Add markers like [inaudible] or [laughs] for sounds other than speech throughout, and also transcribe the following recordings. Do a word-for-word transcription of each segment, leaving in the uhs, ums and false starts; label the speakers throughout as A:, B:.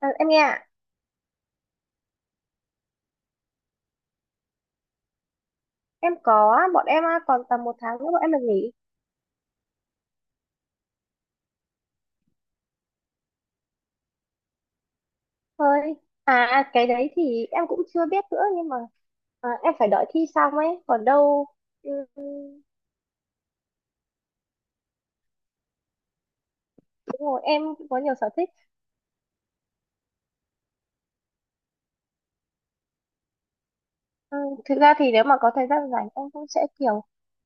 A: À, em nghe ạ. Em có, bọn em à, còn tầm một tháng nữa bọn em được nghỉ thôi. À, cái đấy thì em cũng chưa biết nữa nhưng mà à, em phải đợi thi xong ấy còn đâu. Ừ, đúng rồi, em cũng có nhiều sở thích. Ừ, thực ra thì nếu mà có thời gian rảnh em cũng sẽ kiểu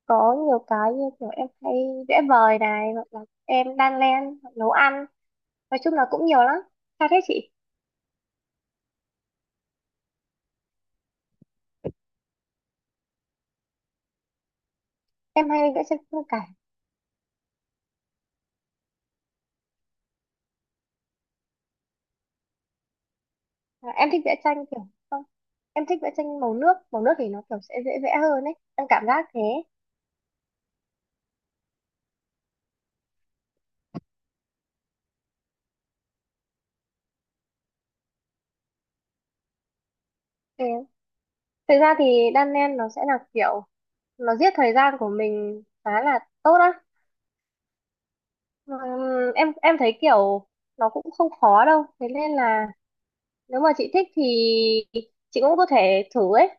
A: có nhiều cái, như kiểu em hay vẽ vời này, hoặc là em đan len, hoặc nấu ăn. Nói chung là cũng nhiều lắm. Sao thế chị? Em hay vẽ tranh cả. À, em thích vẽ tranh kiểu không, em thích vẽ tranh màu nước. Màu nước thì nó kiểu sẽ dễ vẽ hơn ấy, em cảm giác thế. Ừ. Thực ra thì đan len nó sẽ là kiểu nó giết thời gian của mình khá là tốt á. Ừm, em em thấy kiểu nó cũng không khó đâu, thế nên là nếu mà chị thích thì chị cũng có thể thử ấy.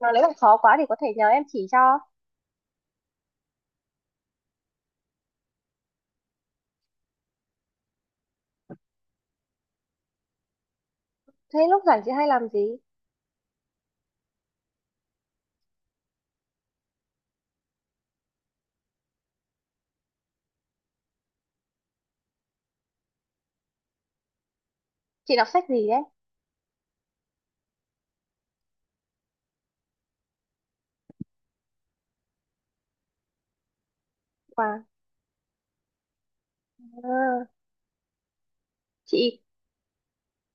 A: Mà nếu mà khó quá thì có thể nhờ em chỉ cho. Thế lúc rảnh chị hay làm gì? Chị đọc sách gì đấy? Wow. À, chị,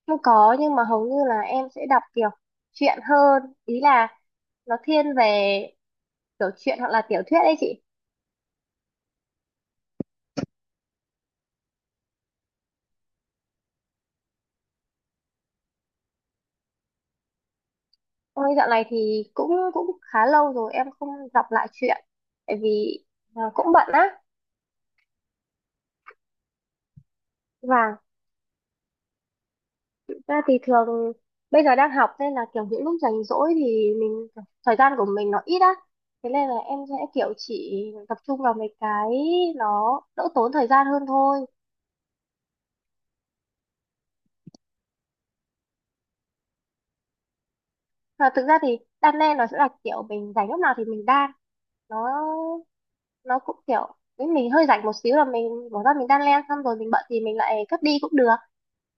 A: không có, nhưng mà hầu như là em sẽ đọc kiểu truyện hơn, ý là nó thiên về kiểu truyện hoặc là tiểu thuyết ấy chị. Ôi, dạo này thì cũng cũng khá lâu rồi em không đọc lại truyện, tại vì à, cũng bận á. Và thực ra thì thường bây giờ đang học nên là kiểu những lúc rảnh rỗi thì mình, thời gian của mình nó ít á, thế nên là em sẽ kiểu chỉ tập trung vào mấy cái nó đỡ tốn thời gian hơn thôi. Và thực ra thì đan len nó sẽ là kiểu mình rảnh lúc nào thì mình đan. Nó nó cũng kiểu nếu mình hơi rảnh một xíu là mình bỏ ra mình đan len, xong rồi mình bận thì mình lại cất đi cũng được.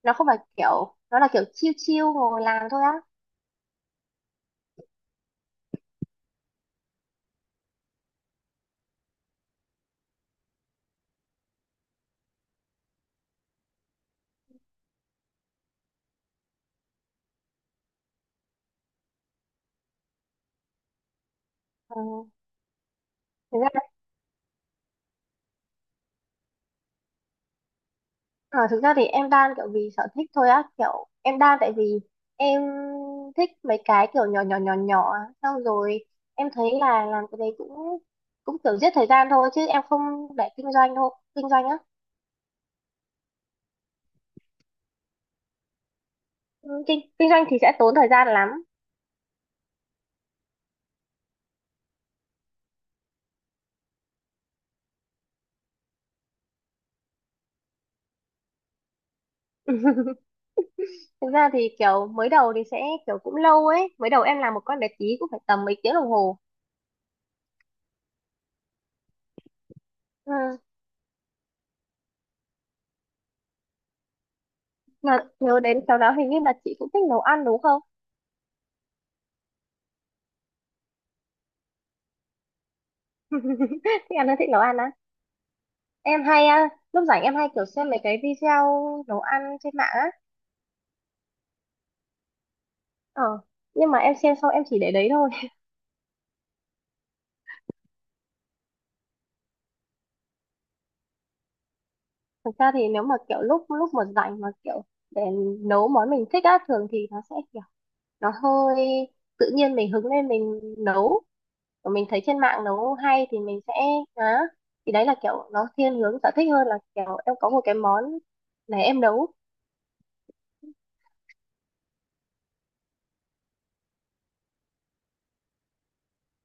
A: Nó không phải kiểu, nó là kiểu chill chill ngồi làm thôi á. Ừ. Thực ra ờ, thực ra thì em đan kiểu vì sở thích thôi á, kiểu em đan tại vì em thích mấy cái kiểu nhỏ nhỏ nhỏ nhỏ á. Xong rồi em thấy là làm cái đấy cũng cũng kiểu giết thời gian thôi chứ em không để kinh doanh thôi. Kinh doanh á. Ừ, kinh kinh doanh thì sẽ tốn thời gian lắm. Thực ra thì kiểu mới đầu thì sẽ kiểu cũng lâu ấy. Mới đầu em làm một con bé tí cũng phải tầm mấy tiếng đồng hồ. Ừ. Mà nhớ đến sau đó hình như là chị cũng thích nấu ăn đúng không? [laughs] Thích ăn hay thích nấu ăn á? Em hay, à, lúc rảnh em hay kiểu xem mấy cái video nấu ăn trên mạng á. Ờ. Nhưng mà em xem xong em chỉ để đấy thôi. [laughs] Thực ra thì nếu mà kiểu lúc lúc mà rảnh mà kiểu để nấu món mình thích á, thường thì nó sẽ kiểu nó hơi tự nhiên, mình hứng lên mình nấu, mình thấy trên mạng nấu hay thì mình sẽ á. Thì đấy là kiểu nó thiên hướng sở thích hơn là kiểu em có một cái món này em nấu.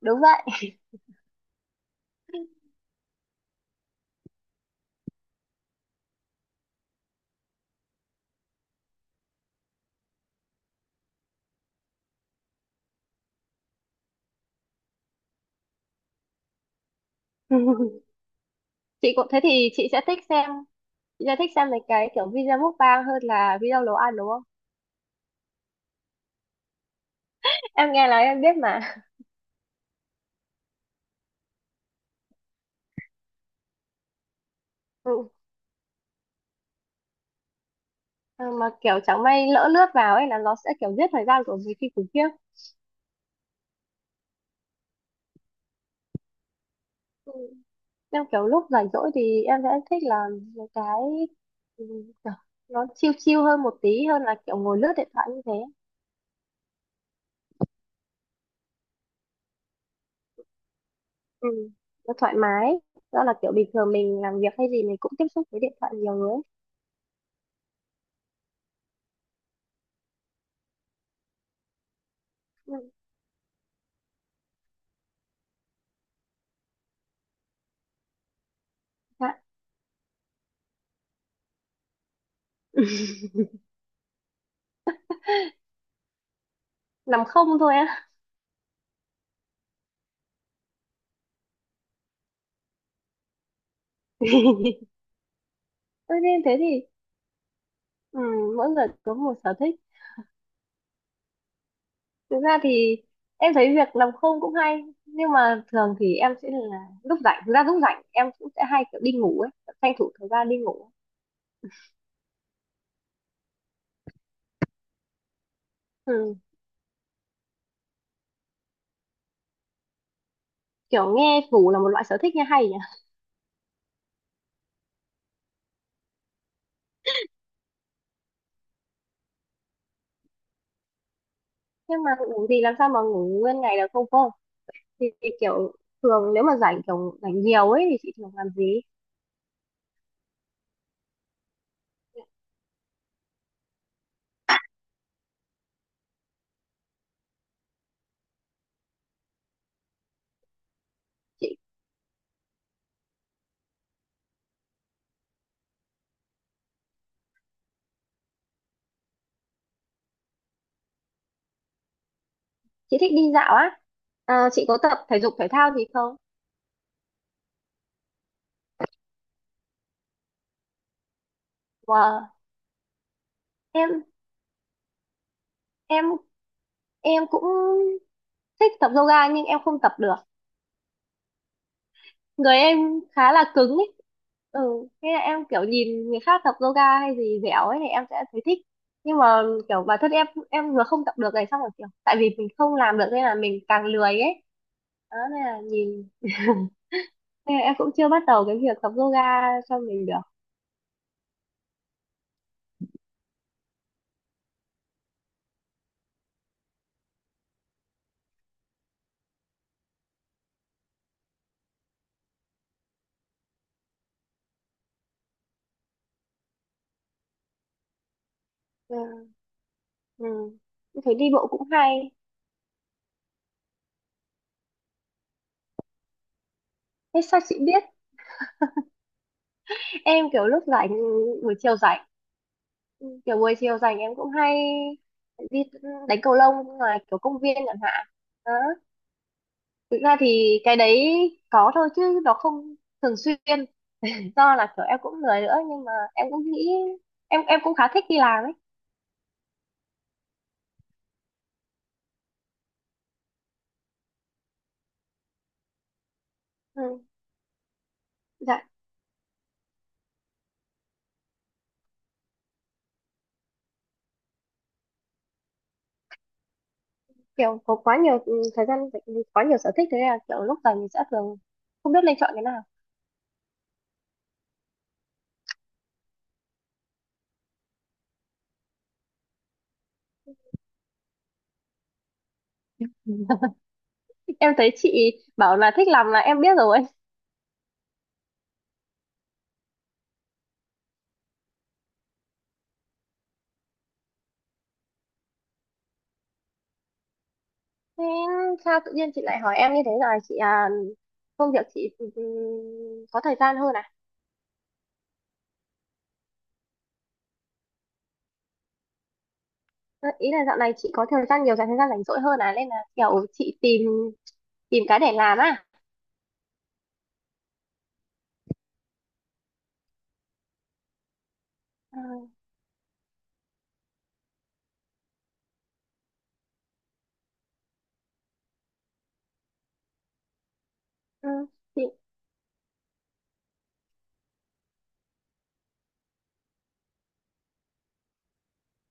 A: Đúng vậy. [laughs] Chị cũng thế thì chị sẽ thích xem, chị sẽ thích xem mấy cái kiểu video mukbang hơn là video nấu ăn đúng không? Em nghe nói em biết mà. [laughs] Ừ. Ừ, mà kiểu chẳng may lỡ lướt vào ấy là nó sẽ kiểu giết thời gian của mình khi khủng khiếp. Ừ. Em kiểu lúc rảnh rỗi thì em sẽ thích là một cái ừ, kiểu nó chill chill hơn một tí, hơn là kiểu ngồi lướt điện thoại như thế. Ừ, nó thoải mái, đó là kiểu bình thường mình làm việc hay gì mình cũng tiếp xúc với điện thoại nhiều người ấy. Ừ, dạ, nằm không thôi á? [laughs] Thế nên thế thì ừ, mỗi người có một sở thích. Thực ra thì em thấy việc nằm không cũng hay, nhưng mà thường thì em sẽ là lúc rảnh, thực ra lúc rảnh em cũng sẽ hay kiểu đi ngủ ấy, tranh thủ thời gian đi ngủ. Ừ, kiểu nghe ngủ là một loại sở thích nghe hay nhỉ. Nhưng mà ngủ thì làm sao mà ngủ nguyên ngày được không cô. Thì, thì kiểu thường nếu mà rảnh, kiểu rảnh nhiều ấy, thì chị thường làm gì? Chị thích đi dạo á? À, chị có tập thể dục thể thao gì không? Wow. em em em cũng thích tập yoga nhưng em không tập được. Người em khá là cứng ấy. Ừ, thế là em kiểu nhìn người khác tập yoga hay gì dẻo ấy thì em sẽ thấy thích, nhưng mà kiểu bản thân em em vừa không tập được này, xong rồi kiểu tại vì mình không làm được nên là mình càng lười ấy. Đó nên là nhìn, nên là em cũng chưa bắt đầu cái việc tập yoga cho mình được. Ừ. Ừ. Thấy đi bộ cũng hay. Thế sao chị biết? Em kiểu lúc rảnh buổi chiều rảnh, kiểu buổi chiều rảnh em cũng hay đi đánh cầu lông ngoài kiểu công viên chẳng hạn. Đó, thực ra thì cái đấy có thôi chứ nó không thường xuyên, do là kiểu em cũng lười nữa, nhưng mà em cũng nghĩ, em em cũng khá thích đi làm ấy. Ừ, dạ, kiểu có quá nhiều ừ, thời gian rảnh, quá nhiều sở thích thế là kiểu lúc rảnh mình sẽ thường không biết nên chọn cái nào. Em thấy chị bảo là thích làm là em biết rồi. Thế sao tự nhiên chị lại hỏi em như thế rồi chị? À, công việc chị ừ, ừ, có thời gian hơn à? Ờ, ý là dạo này chị có thời gian nhiều, dành thời gian rảnh rỗi hơn à, nên là kiểu chị tìm, tìm cái để làm à? ừ, ừ, chị,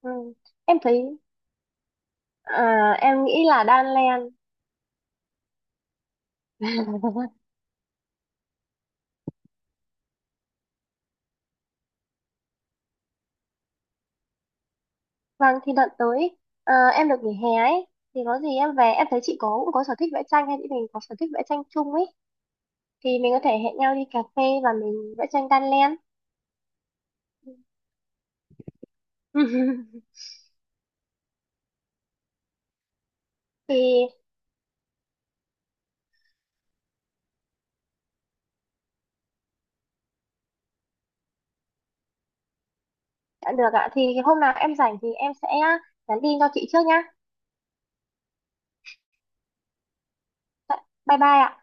A: ừ. Em thấy à, em nghĩ là đan len. [laughs] Vâng, thì đợt tới ờ, em được nghỉ hè ấy, thì có gì em về em thấy chị có, cũng có sở thích vẽ tranh, hay chị mình có sở thích vẽ tranh chung ấy, thì mình có thể hẹn nhau đi cà phê và mình vẽ tranh đan len. [laughs] Thì, dạ được ạ, thì hôm nào em rảnh thì em sẽ nhắn tin cho chị trước nhá. Dạ, bye bye ạ.